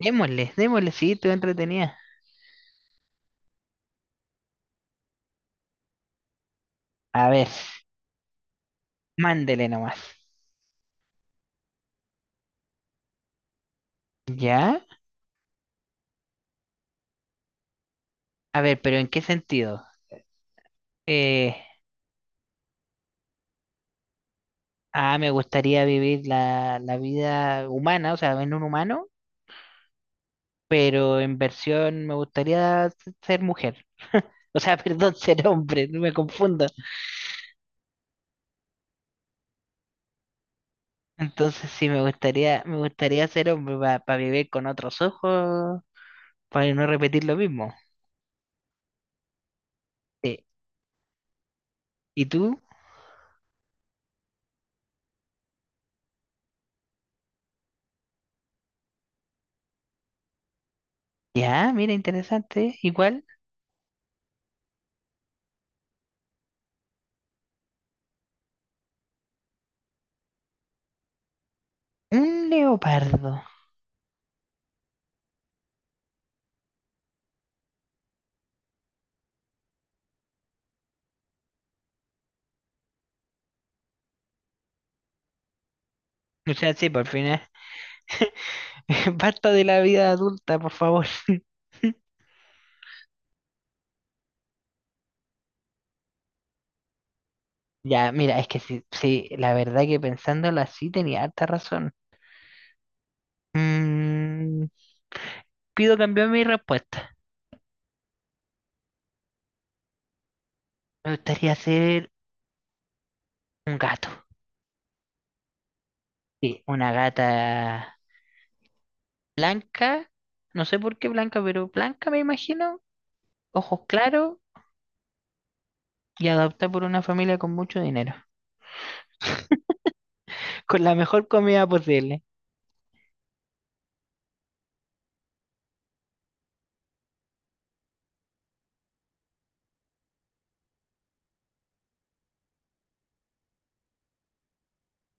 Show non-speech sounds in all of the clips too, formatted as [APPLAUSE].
Démosle, démosle, sí, tú entretenida. A ver, mándele nomás. ¿Ya? A ver, pero ¿en qué sentido? Eh, Me gustaría vivir la vida humana, o sea, en un humano, pero en versión me gustaría ser mujer. O sea, [LAUGHS] perdón, ser hombre, no me confundo. Entonces sí, me gustaría ser hombre para vivir con otros ojos, para no repetir lo mismo. Sí. ¿Y tú? Ya, mira, interesante. Igual, un leopardo. O sea, sí, por fin, ¿eh? [LAUGHS] Basta de la vida adulta, por favor. [LAUGHS] Ya, mira, es que sí, sí, la verdad que pensándolo así tenía harta razón. Mm, pido cambiar mi respuesta. Me gustaría ser un gato. Sí, una gata blanca. No sé por qué blanca, pero blanca me imagino. Ojos claros y adoptada por una familia con mucho dinero. [LAUGHS] Con la mejor comida posible.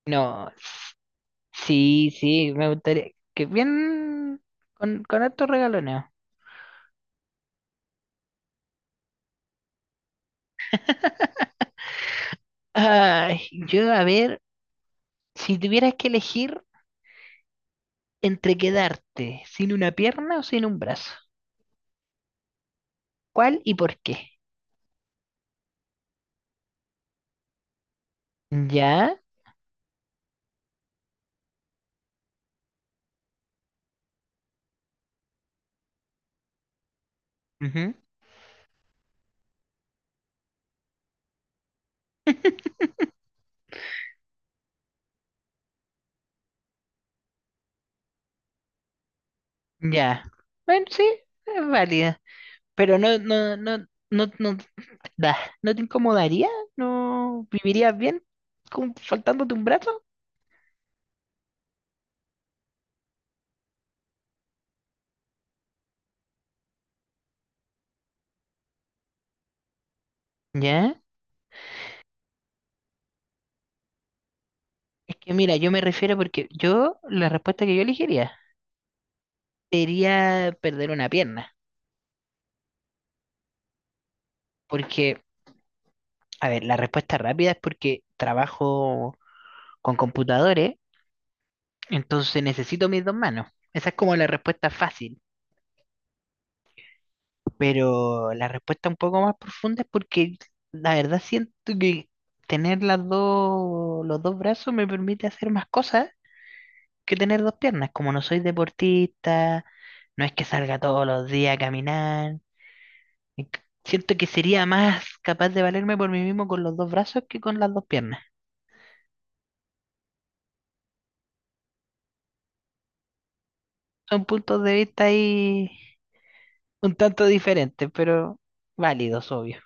No, sí, sí, me gustaría. Que bien con estos regalones. Ay, yo a ver, si tuvieras que elegir entre quedarte sin una pierna o sin un brazo, ¿cuál y por qué? Ya, ujú, ya. Bueno, sí, es válida. Pero no, no, no, no, no, da, ¿no te incomodaría? ¿No vivirías bien con, faltándote un brazo? Ya. Es que mira, yo me refiero porque yo, la respuesta que yo elegiría sería perder una pierna. Porque, a ver, la respuesta rápida es porque trabajo con computadores, entonces necesito mis dos manos. Esa es como la respuesta fácil, pero la respuesta un poco más profunda es porque la verdad siento que tener los dos brazos me permite hacer más cosas que tener dos piernas. Como no soy deportista, no es que salga todos los días a caminar. y c- Siento que sería más capaz de valerme por mí mismo con los dos brazos que con las dos piernas. Son puntos de vista ahí un tanto diferentes, pero válidos, obvio.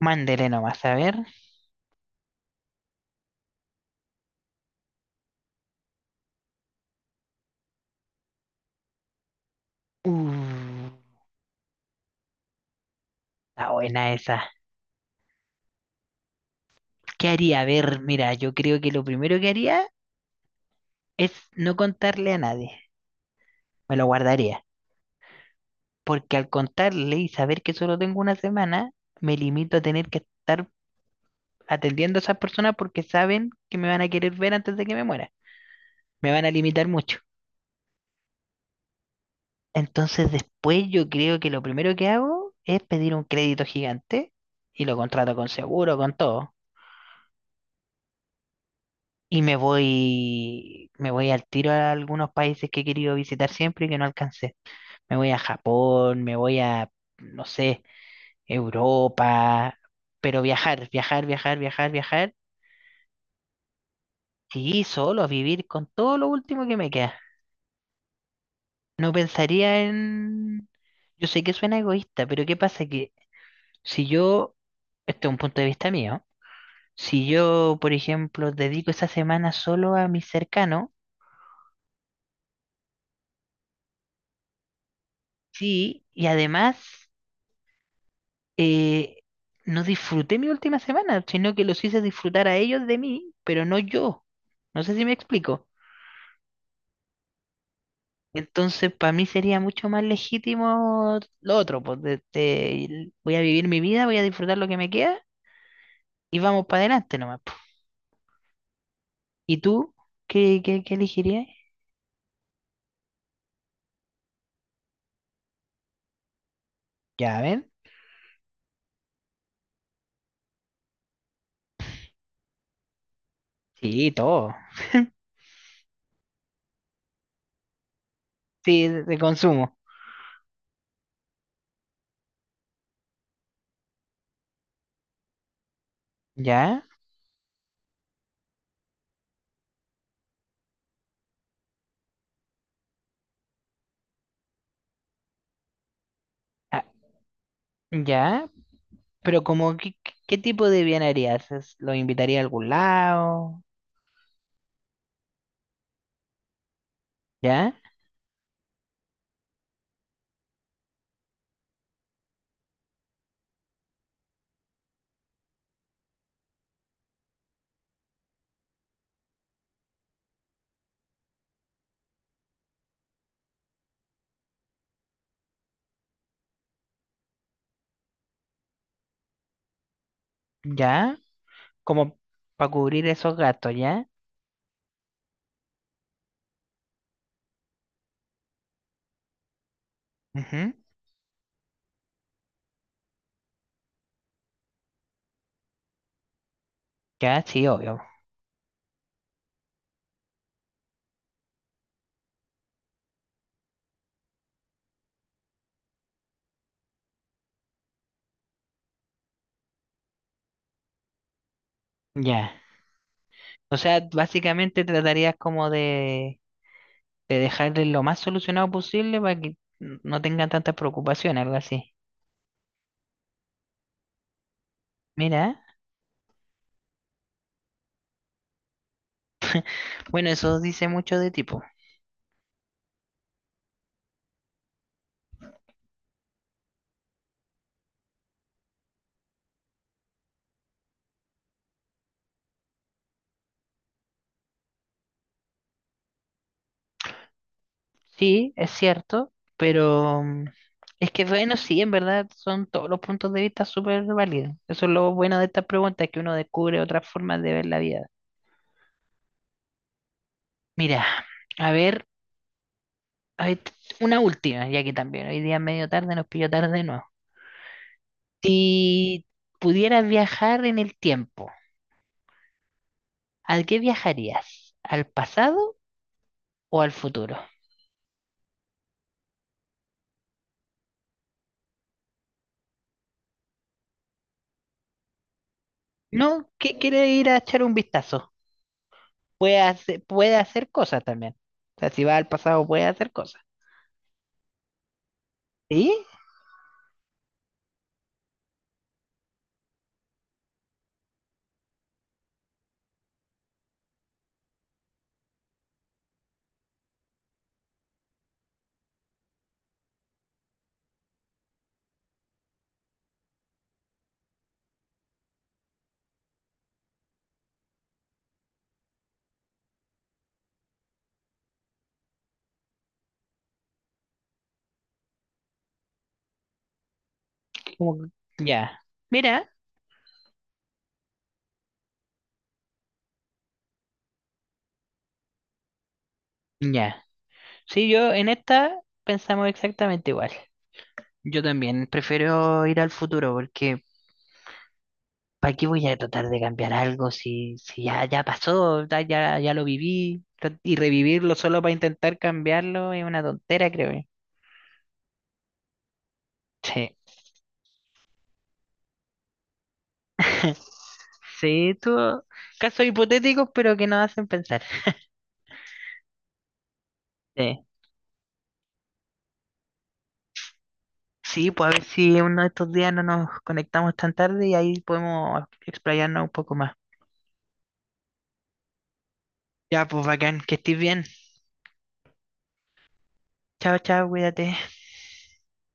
Mándele nomás, a ver. Uh, está buena esa. ¿Qué haría? A ver, mira, yo creo que lo primero que haría es no contarle a nadie. Me lo guardaría. Porque al contarle y saber que solo tengo una semana, me limito a tener que estar atendiendo a esas personas porque saben que me van a querer ver antes de que me muera. Me van a limitar mucho. Entonces después yo creo que lo primero que hago es pedir un crédito gigante y lo contrato con seguro, con todo. Y me voy al tiro a algunos países que he querido visitar siempre y que no alcancé. Me voy a Japón, me voy a, no sé, Europa, pero viajar, viajar, viajar, viajar, viajar y solo a vivir con todo lo último que me queda. No pensaría en... Yo sé que suena egoísta, pero ¿qué pasa? Que si yo, este es un punto de vista mío, si yo, por ejemplo, dedico esa semana solo a mis cercanos, sí, y además eh, no disfruté mi última semana, sino que los hice disfrutar a ellos de mí, pero no yo. No sé si me explico. Entonces, para mí sería mucho más legítimo lo otro, pues voy a vivir mi vida, voy a disfrutar lo que me queda y vamos para adelante nomás, po. ¿Y tú? ¿Qué elegirías? ¿Ya ven? Sí, todo. Sí, de consumo. ¿Ya? Ah, ¿ya? Pero como, ¿qué tipo de bien harías? ¿Lo invitaría a algún lado? ¿Ya? ¿Ya? Como para cubrir esos gastos, ¿ya? Ujú. Ya, sí, obvio. Ya. O sea, básicamente tratarías como de dejarles lo más solucionado posible para que no tengan tantas preocupaciones, algo así. Mira, bueno, eso dice mucho de tipo. Sí, es cierto, pero mm, es que bueno, sí, en verdad son todos los puntos de vista súper válidos. Eso es lo bueno de estas preguntas, que uno descubre otras formas de ver la vida. Mira, a ver. A ver, una última, ya que también hoy día es medio tarde, nos pilló tarde de nuevo. Si pudieras viajar en el tiempo, ¿a qué viajarías? ¿Al pasado o al futuro? No, que quiere ir a echar un vistazo. Puede hacer cosas también. O sea, si va al pasado puede hacer cosas. ¿Sí? Como ya. Mira, ya. Sí, yo en esta pensamos exactamente igual. Yo también prefiero ir al futuro porque ¿para qué voy a tratar de cambiar algo si, si ya, ya pasó, ya lo viví? Y revivirlo solo para intentar cambiarlo es una tontera, creo yo. Sí. [LAUGHS] Sí, tú, casos hipotéticos, pero que nos hacen pensar. Sí. Sí, pues a ver si uno de estos días no nos conectamos tan tarde y ahí podemos explayarnos un poco más. Ya, pues bacán, que estés bien. Chao, chao, cuídate.